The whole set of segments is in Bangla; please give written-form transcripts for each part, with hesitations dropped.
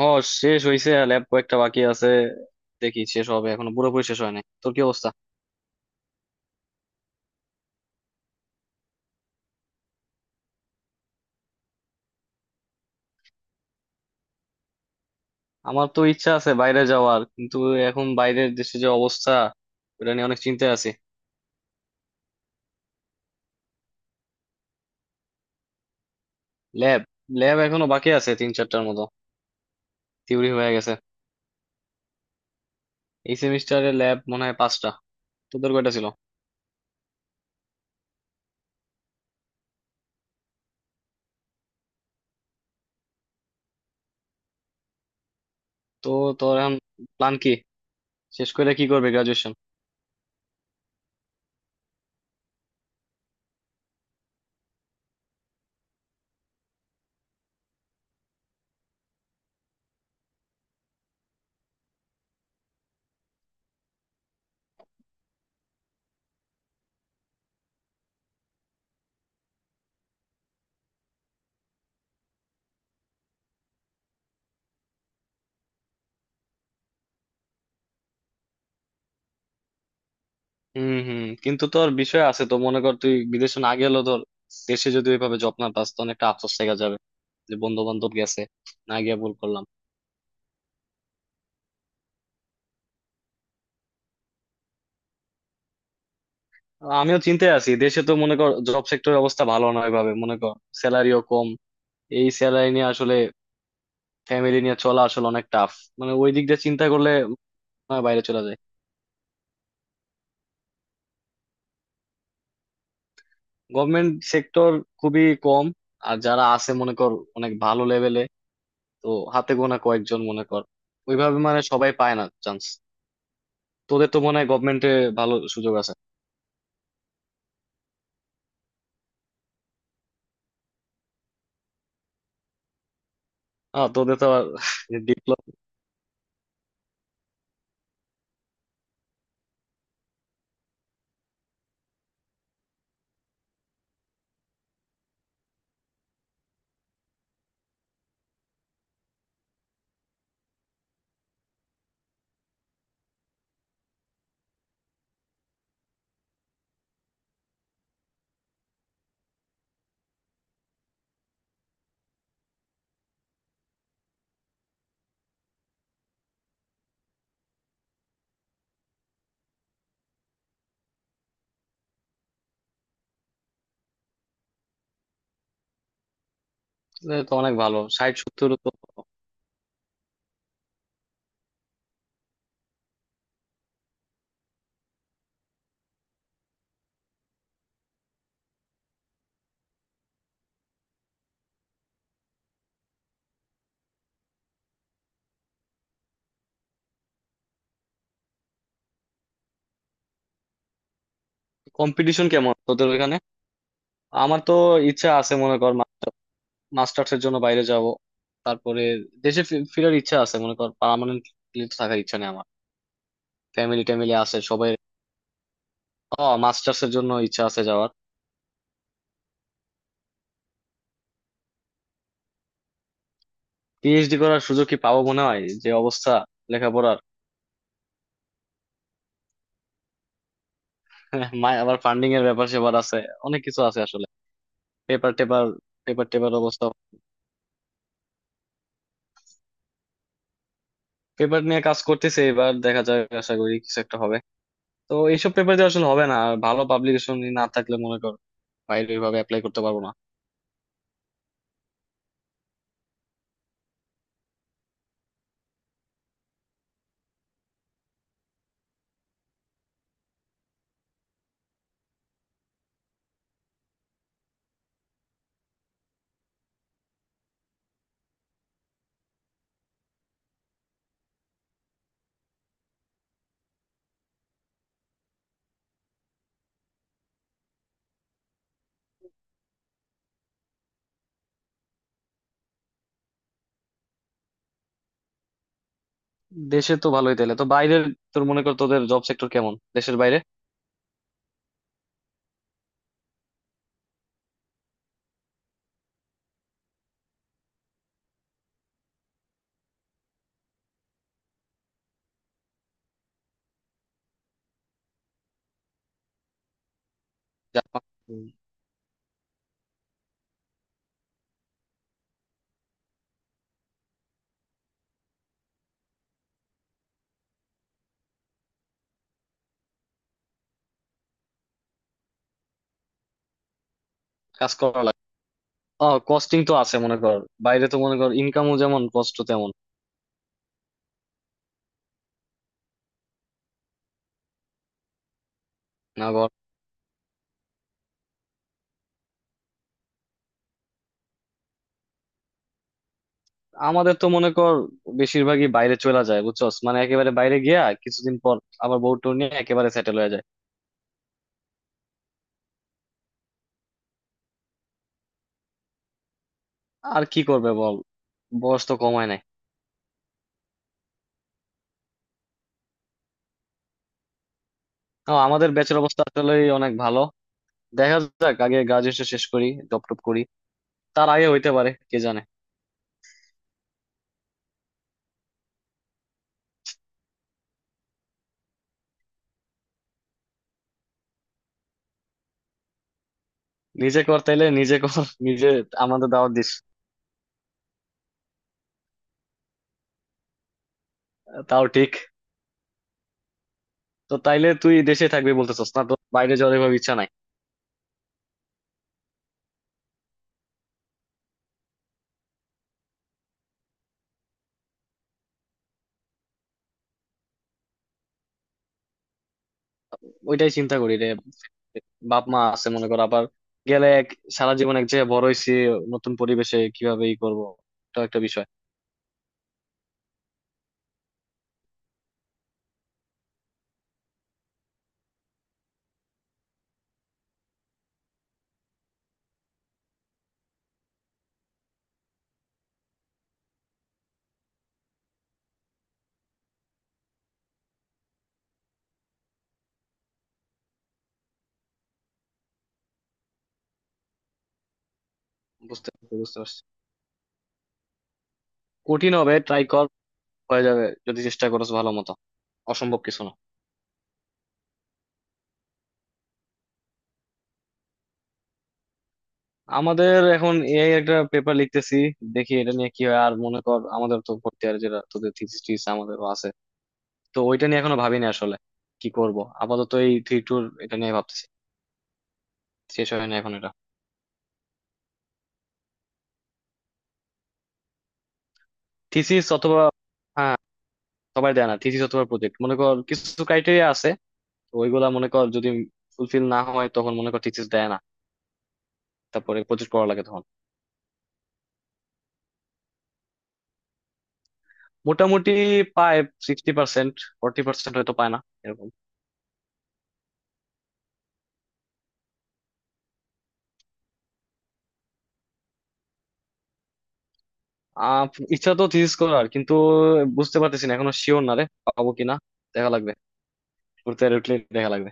ও, শেষ হয়েছে। ল্যাব কয়েকটা বাকি আছে। দেখি শেষ হবে, এখনো পুরোপুরি শেষ হয় নাই। তোর কি অবস্থা? আমার তো ইচ্ছা আছে বাইরে যাওয়ার, কিন্তু এখন বাইরের দেশে যে অবস্থা, ওটা নিয়ে অনেক চিন্তায় আছি। ল্যাব ল্যাব এখনো বাকি আছে তিন চারটার মতো। থিওরি হয়ে গেছে। এই সেমিস্টারে ল্যাব মনে হয় পাঁচটা। তোদের কয়টা ছিল? তো তোর এখন প্ল্যান কি? শেষ করে কি করবে, গ্রাজুয়েশন? হুম হুম, কিন্তু তোর বিষয় আছে তো। মনে কর তুই বিদেশে না গেলেও তোর দেশে যদি ওইভাবে জব না পাস, তখন একটা আফসোস থেকে যাবে যে বন্ধু বান্ধব গেছে, না গিয়ে ভুল করলাম। আমিও চিন্তায় আছি, দেশে তো মনে কর জব সেক্টরের অবস্থা ভালো নয় ভাবে। মনে কর স্যালারিও কম। এই স্যালারি নিয়ে আসলে ফ্যামিলি নিয়ে চলা আসলে অনেক টাফ। মানে ওই দিক দিয়ে চিন্তা করলে মনে হয় বাইরে চলে যায়। গভর্নমেন্ট সেক্টর খুবই কম। আর যারা আছে মনে কর অনেক ভালো লেভেলে। তো হাতে গোনা কয়েকজন মনে কর, ওইভাবে মানে সবাই পায় না চান্স। তোদের তো মনে হয় গভর্নমেন্টে ভালো সুযোগ আছে। হ্যাঁ, তোদের তো ডিপ্লোমা। তো অনেক ভালো, 60 70 তো। কম্পিটিশন কেমন তোদের ওখানে? আমার তো ইচ্ছা আছে, মনে কর মাস্টার্স এর জন্য বাইরে যাব। তারপরে দেশে ফিরার ইচ্ছা আছে, মনে কর পার্মানেন্টলি থাকার ইচ্ছা নেই আমার। ফ্যামিলি ট্যামিলি আছে সবাই। ও, মাস্টার্স এর জন্য ইচ্ছা আছে যাওয়ার। পিএইচডি করার সুযোগ কি পাবো মনে হয়, যে অবস্থা লেখাপড়ার। মায় আবার ফান্ডিং এর ব্যাপার সেবার আছে, অনেক কিছু আছে আসলে। পেপার টেপার। পেপার টেপার অবস্থা। পেপার নিয়ে কাজ করতেছে, এবার দেখা যায়, আশা করি কিছু একটা হবে। তো এইসব পেপার দিয়ে আসলে হবে না, আর ভালো পাবলিকেশন না থাকলে মনে কর বাইরে ওইভাবে অ্যাপ্লাই করতে পারবো না। দেশে তো ভালোই তাহলে, তো বাইরের তোর মনে কর, তোদের জব সেক্টর কেমন দেশের বাইরে? যা। হুম। কাজ করা লাগে। ও, কস্টিং তো আছে মনে কর, বাইরে তো মনে কর ইনকামও যেমন কষ্ট তেমন। না কর। আমাদের তো মনে কর বেশিরভাগই বাইরে চলে যায় বুঝছস, মানে একেবারে বাইরে গিয়া কিছুদিন পর আবার বউ টু নিয়ে একেবারে সেটেল হয়ে যায়। আর কি করবে বল, বয়স তো কমায় নাই। ও, আমাদের ব্যাচের অবস্থা আসলে অনেক ভালো। দেখা যাক, আগে গ্রাজুয়েশন শেষ করি, জব টপ করি, তার আগে হইতে পারে কে জানে। নিজে কর তাইলে, নিজে কর নিজে, আমাদের দাওয়াত দিস। তাও ঠিক। তো তাইলে তুই দেশে থাকবি বলতেছস, না তো বাইরে যাওয়ার এভাবে ইচ্ছা নাই। ওইটাই চিন্তা করি রে, বাপ মা আছে মনে কর, আবার গেলে এক, সারা জীবন এক জায়গায় বড় হয়েছি, নতুন পরিবেশে কিভাবে ই করবো, এটা একটা বিষয়। বুঝতে পারছি, বুঝতে পারছি। কঠিন হবে, ট্রাই কর, হয়ে যাবে যদি চেষ্টা করস ভালো মতো। অসম্ভব কিছু না। আমাদের এখন এআই একটা পেপার লিখতেছি, দেখি এটা নিয়ে কি হয়। আর মনে কর আমাদের তো ভর্তি, আর যেটা তোদের থিসিস টিসিস আমাদেরও আছে। তো ওইটা নিয়ে এখনো ভাবিনি আসলে কি করব। আপাতত এই থ্রি টুর এটা নিয়ে ভাবতেছি। শেষ হয় না এখন এটা। থিসিস অথবা, হ্যাঁ, সবাই দেয় না। থিসিস অথবা প্রজেক্ট, মনে কর কিছু ক্রাইটেরিয়া আছে। তো ওইগুলা মনে কর যদি ফুলফিল না হয় তখন মনে কর থিসিস দেয় না, তারপরে প্রজেক্ট করা লাগে তখন। মোটামুটি পায় 60%, 40% হয়তো পায় না, এরকম। আহ ইচ্ছা তো থিসিস করার, কিন্তু বুঝতে পারতেছি না, এখনো শিওর না রে পাবো কিনা। দেখা লাগবে, ঘুরতে উঠলে দেখা লাগবে।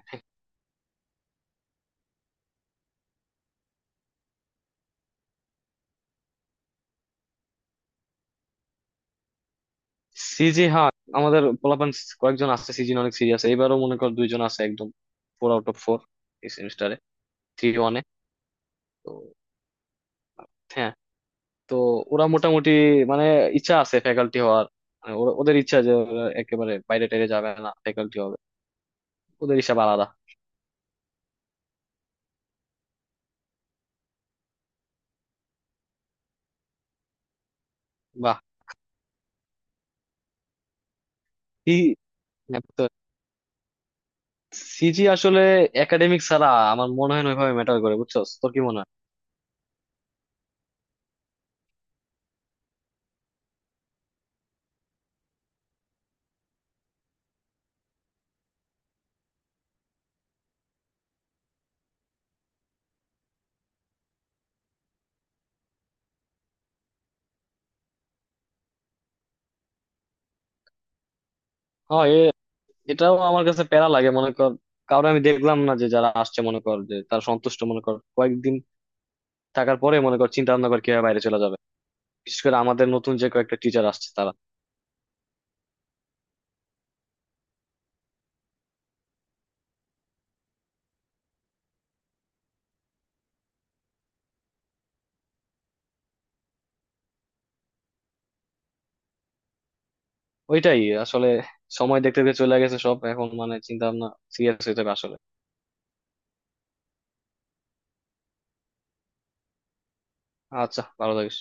সিজি, হ্যাঁ। আমাদের পোলাপান কয়েকজন আছে সিজি অনেক সিরিয়াস, এবারও মনে কর দুইজন আছে একদম ফোর আউট অফ ফোর এই সেমিস্টারে, থ্রি ওয়ানে। হ্যাঁ, তো ওরা মোটামুটি, মানে ইচ্ছা আছে ফ্যাকাল্টি হওয়ার, মানে ওদের ইচ্ছা যে ওরা একেবারে বাইরে টাইরে যাবে না, ফ্যাকাল্টি হবে। ওদের হিসাব আলাদা। বাহ। কি? হ্যাঁ, তো সিজি আসলে একাডেমিক ছাড়া আমার মনে হয় না ওইভাবে ম্যাটার করে, বুঝছো? তোর কি মনে হয়? হ্যাঁ, এটাও আমার কাছে প্যারা লাগে মনে কর, কারণ আমি দেখলাম না যে যারা আসছে মনে কর যে তারা সন্তুষ্ট, মনে কর কয়েকদিন থাকার পরে মনে কর চিন্তা ভাবনা কর কিভাবে বাইরে চলে যাবে, বিশেষ করে আমাদের নতুন যে কয়েকটা টিচার আসছে তারা। ওইটাই আসলে, সময় দেখতে দেখতে চলে গেছে সব, এখন মানে চিন্তা ভাবনা সিরিয়াস হয়ে যাবে আসলে। আচ্ছা, ভালো থাকিস।